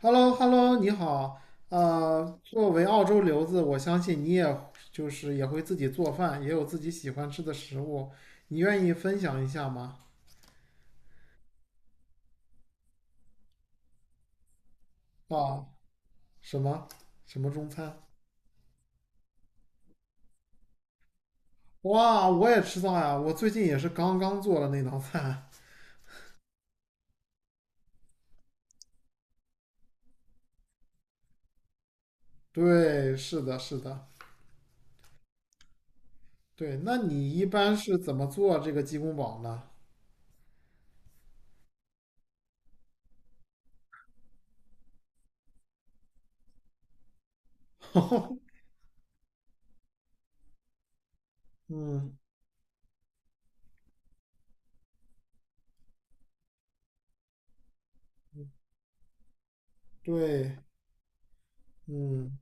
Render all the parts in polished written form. h e l l o h e l l o 你好。作为澳洲留子，我相信你也也会自己做饭，也有自己喜欢吃的食物。你愿意分享一下吗？啊，什么中餐？哇，我也吃到呀！我最近也是刚刚做了那道菜。对，是的，是的，对。那你一般是怎么做这个鸡公煲呢？嗯，对，嗯，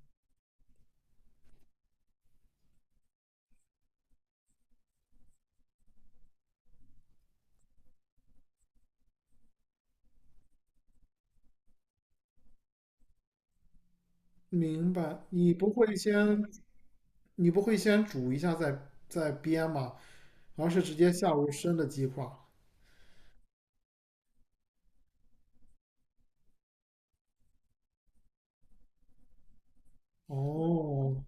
明白。你不会先煮一下再煸吗？而是直接下入生的鸡块。哦，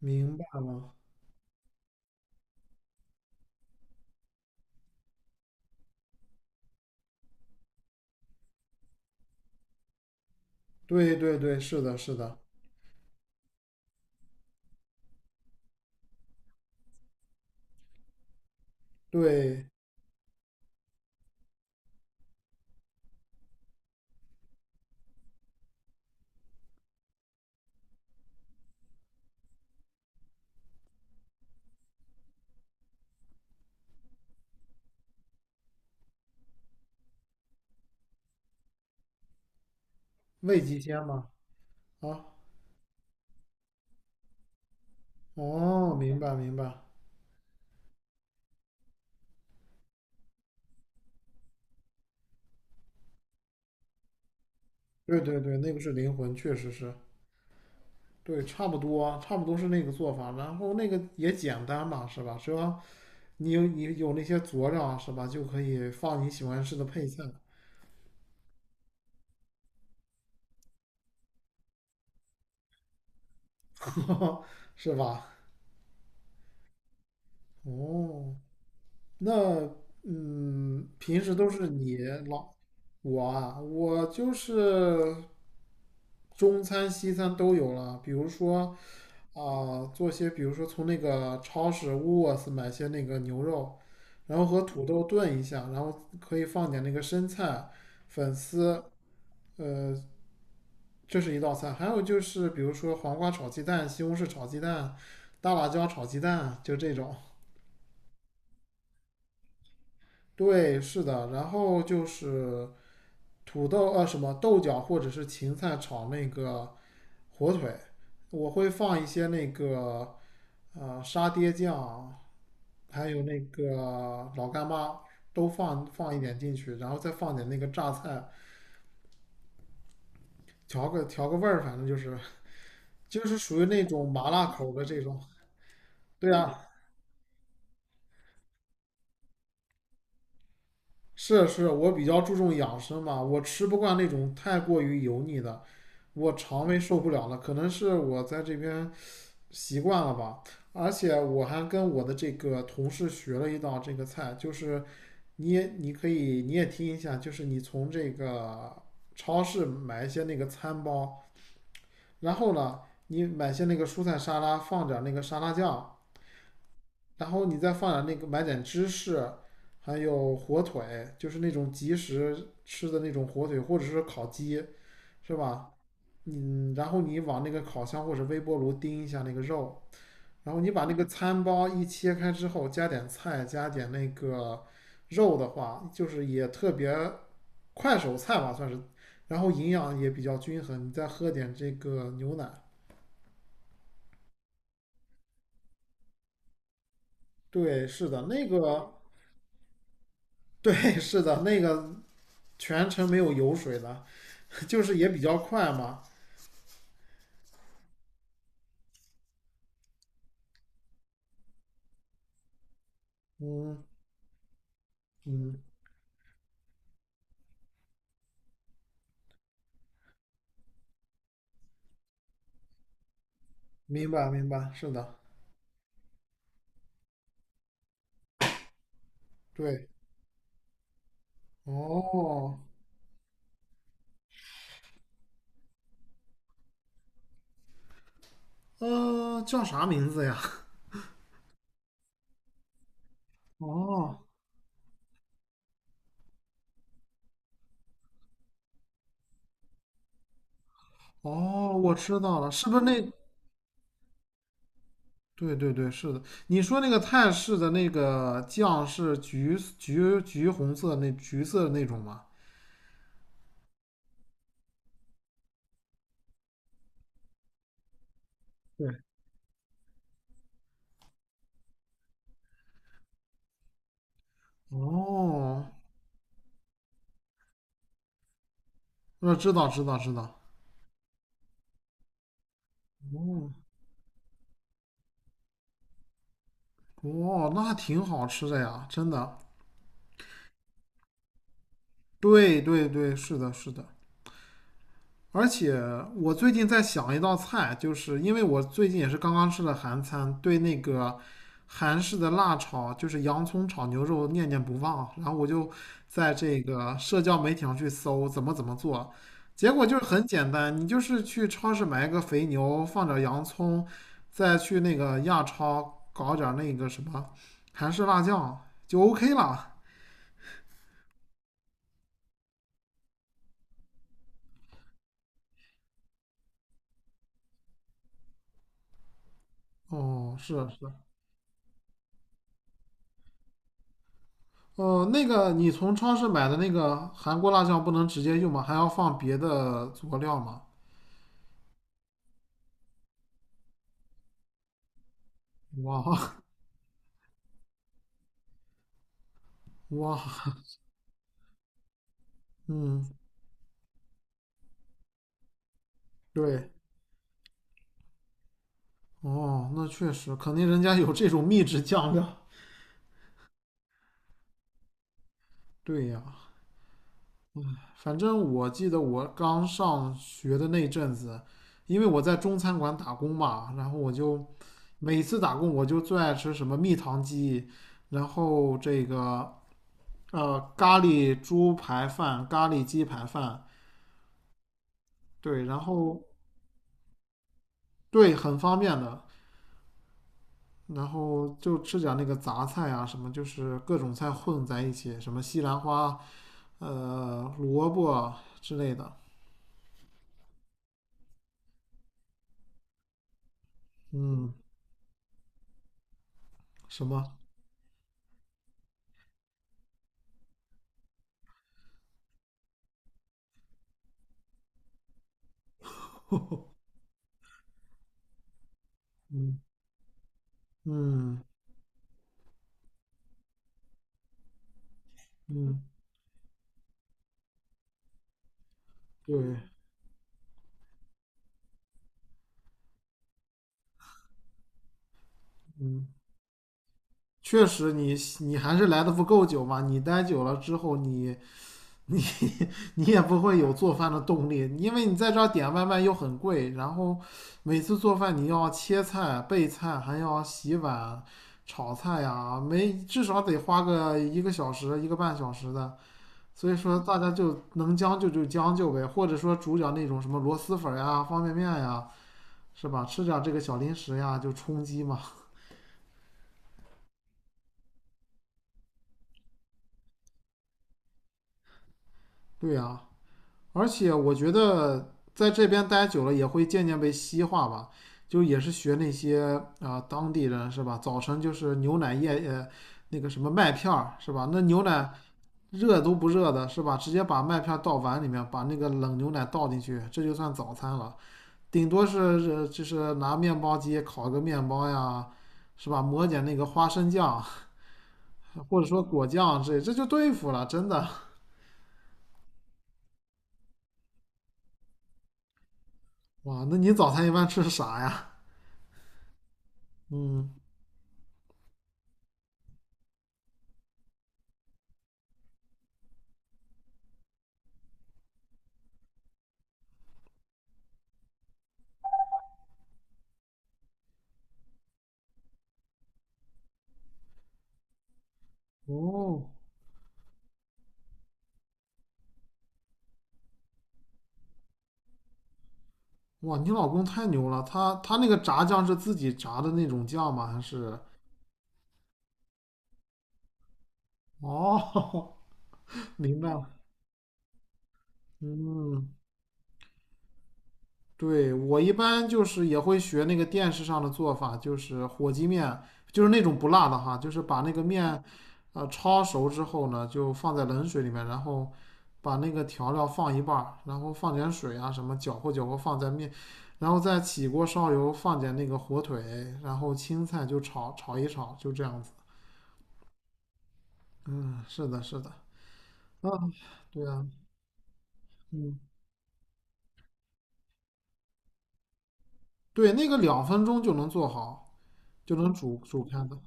明白了。对对对，是的，是的，对，味极鲜嘛。啊，哦，明白明白。对对对，那个是灵魂，确实是。对，差不多啊，差不多是那个做法。然后那个也简单嘛，是吧？是吧？你有那些佐料啊，是吧？就可以放你喜欢吃的配菜。是吧？哦，那平时都是你老我啊，我就是中餐西餐都有了，比如说啊、做些比如说从那个超市 w o 买些那个牛肉，然后和土豆炖一下，然后可以放点那个生菜、粉丝，呃，这是一道菜。还有就是比如说黄瓜炒鸡蛋、西红柿炒鸡蛋、大辣椒炒鸡蛋，就这种。对，是的，然后就是。土豆什么豆角或者是芹菜炒那个火腿，我会放一些那个沙爹酱，还有那个老干妈都放一点进去，然后再放点那个榨菜，调个味儿，反正就是属于那种麻辣口的这种。对啊，是是，我比较注重养生嘛，我吃不惯那种太过于油腻的，我肠胃受不了了，可能是我在这边。习惯了吧。而且我还跟我的这个同事学了一道这个菜，就是你可以听一下，就是你从这个超市买一些那个餐包，然后呢，你买些那个蔬菜沙拉，放点那个沙拉酱，然后你再放点那个芝士，还有火腿，就是那种即食吃的那种火腿，或者是烤鸡，是吧？嗯，然后你往那个烤箱或者微波炉叮一下那个肉，然后你把那个餐包一切开之后，加点菜，加点那个肉的话，就是也特别快手菜吧，算是，然后营养也比较均衡。你再喝点这个牛奶，对，是的，那个，对，是的，那个全程没有油水的，就是也比较快嘛。嗯嗯，明白明白，是的，对，哦，叫啥名字呀？哦哦，我知道了，是不是那对对对，是的。你说那个泰式的那个酱是橘红色那橘色的那种吗？对，哦，那知道。哦哦，那挺好吃的呀，真的。对对对，是的，是的。而且我最近在想一道菜，就是因为我最近也是刚刚吃了韩餐，对那个韩式的辣炒，就是洋葱炒牛肉念念不忘啊。然后我就在这个社交媒体上去搜怎么做，结果就是很简单，你就是去超市买一个肥牛，放点洋葱，再去那个亚超搞点那个什么韩式辣酱就 OK 了。哦，是是。哦，那个你从超市买的那个韩国辣酱不能直接用吗？还要放别的佐料吗？哇哇，嗯，对，哦，那确实，肯定人家有这种秘制酱料。对呀，反正我记得我刚上学的那阵子，因为我在中餐馆打工嘛，然后我就每次打工我就最爱吃什么蜜糖鸡，然后这个咖喱猪排饭、咖喱鸡排饭，对，然后。对，很方便的。然后就吃点那个杂菜啊，什么就是各种菜混在一起，什么西兰花、萝卜啊之类的。嗯，什么？嗯嗯嗯，对，嗯确实你还是来的不够久嘛，你待久了之后你。你你也不会有做饭的动力，因为你在这儿点外卖又很贵，然后每次做饭你要切菜、备菜，还要洗碗、炒菜呀，没至少得花个1个小时、1个半小时的。所以说，大家就能将就就将就呗，或者说煮点那种什么螺蛳粉呀、方便面呀，是吧？吃点这个小零食呀，就充饥嘛。对呀、而且我觉得在这边待久了也会渐渐被西化吧，就也是学那些当地人是吧？早晨就是牛奶液那个什么麦片儿是吧？那牛奶热都不热的是吧？直接把麦片倒碗里面，把那个冷牛奶倒进去，这就算早餐了。顶多是就是拿面包机烤个面包呀，是吧？抹点那个花生酱，或者说果酱这就对付了，真的。哇，那你早餐一般吃啥呀？嗯，哦，哇，你老公太牛了，他那个炸酱是自己炸的那种酱吗？还是？哦，明白了。嗯，对，我一般就是也会学那个电视上的做法，就是火鸡面，就是那种不辣的哈，就是把那个面，焯熟之后呢，就放在冷水里面，然后把那个调料放一半儿，然后放点水啊什么，搅和搅和放在面，然后再起锅烧油，放点那个火腿，然后青菜就炒一炒，就这样子。嗯，是的，是的，啊，对啊，嗯，对，那个2分钟就能做好，就能煮开的，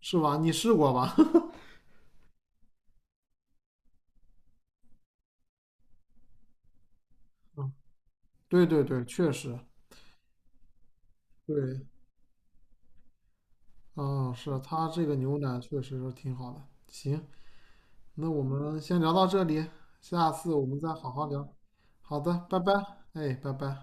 是吧？你试过吧？嗯，对对对，确实，对，嗯，是它这个牛奶确实是挺好的。行，那我们先聊到这里，下次我们再好好聊。好的，拜拜，哎，拜拜。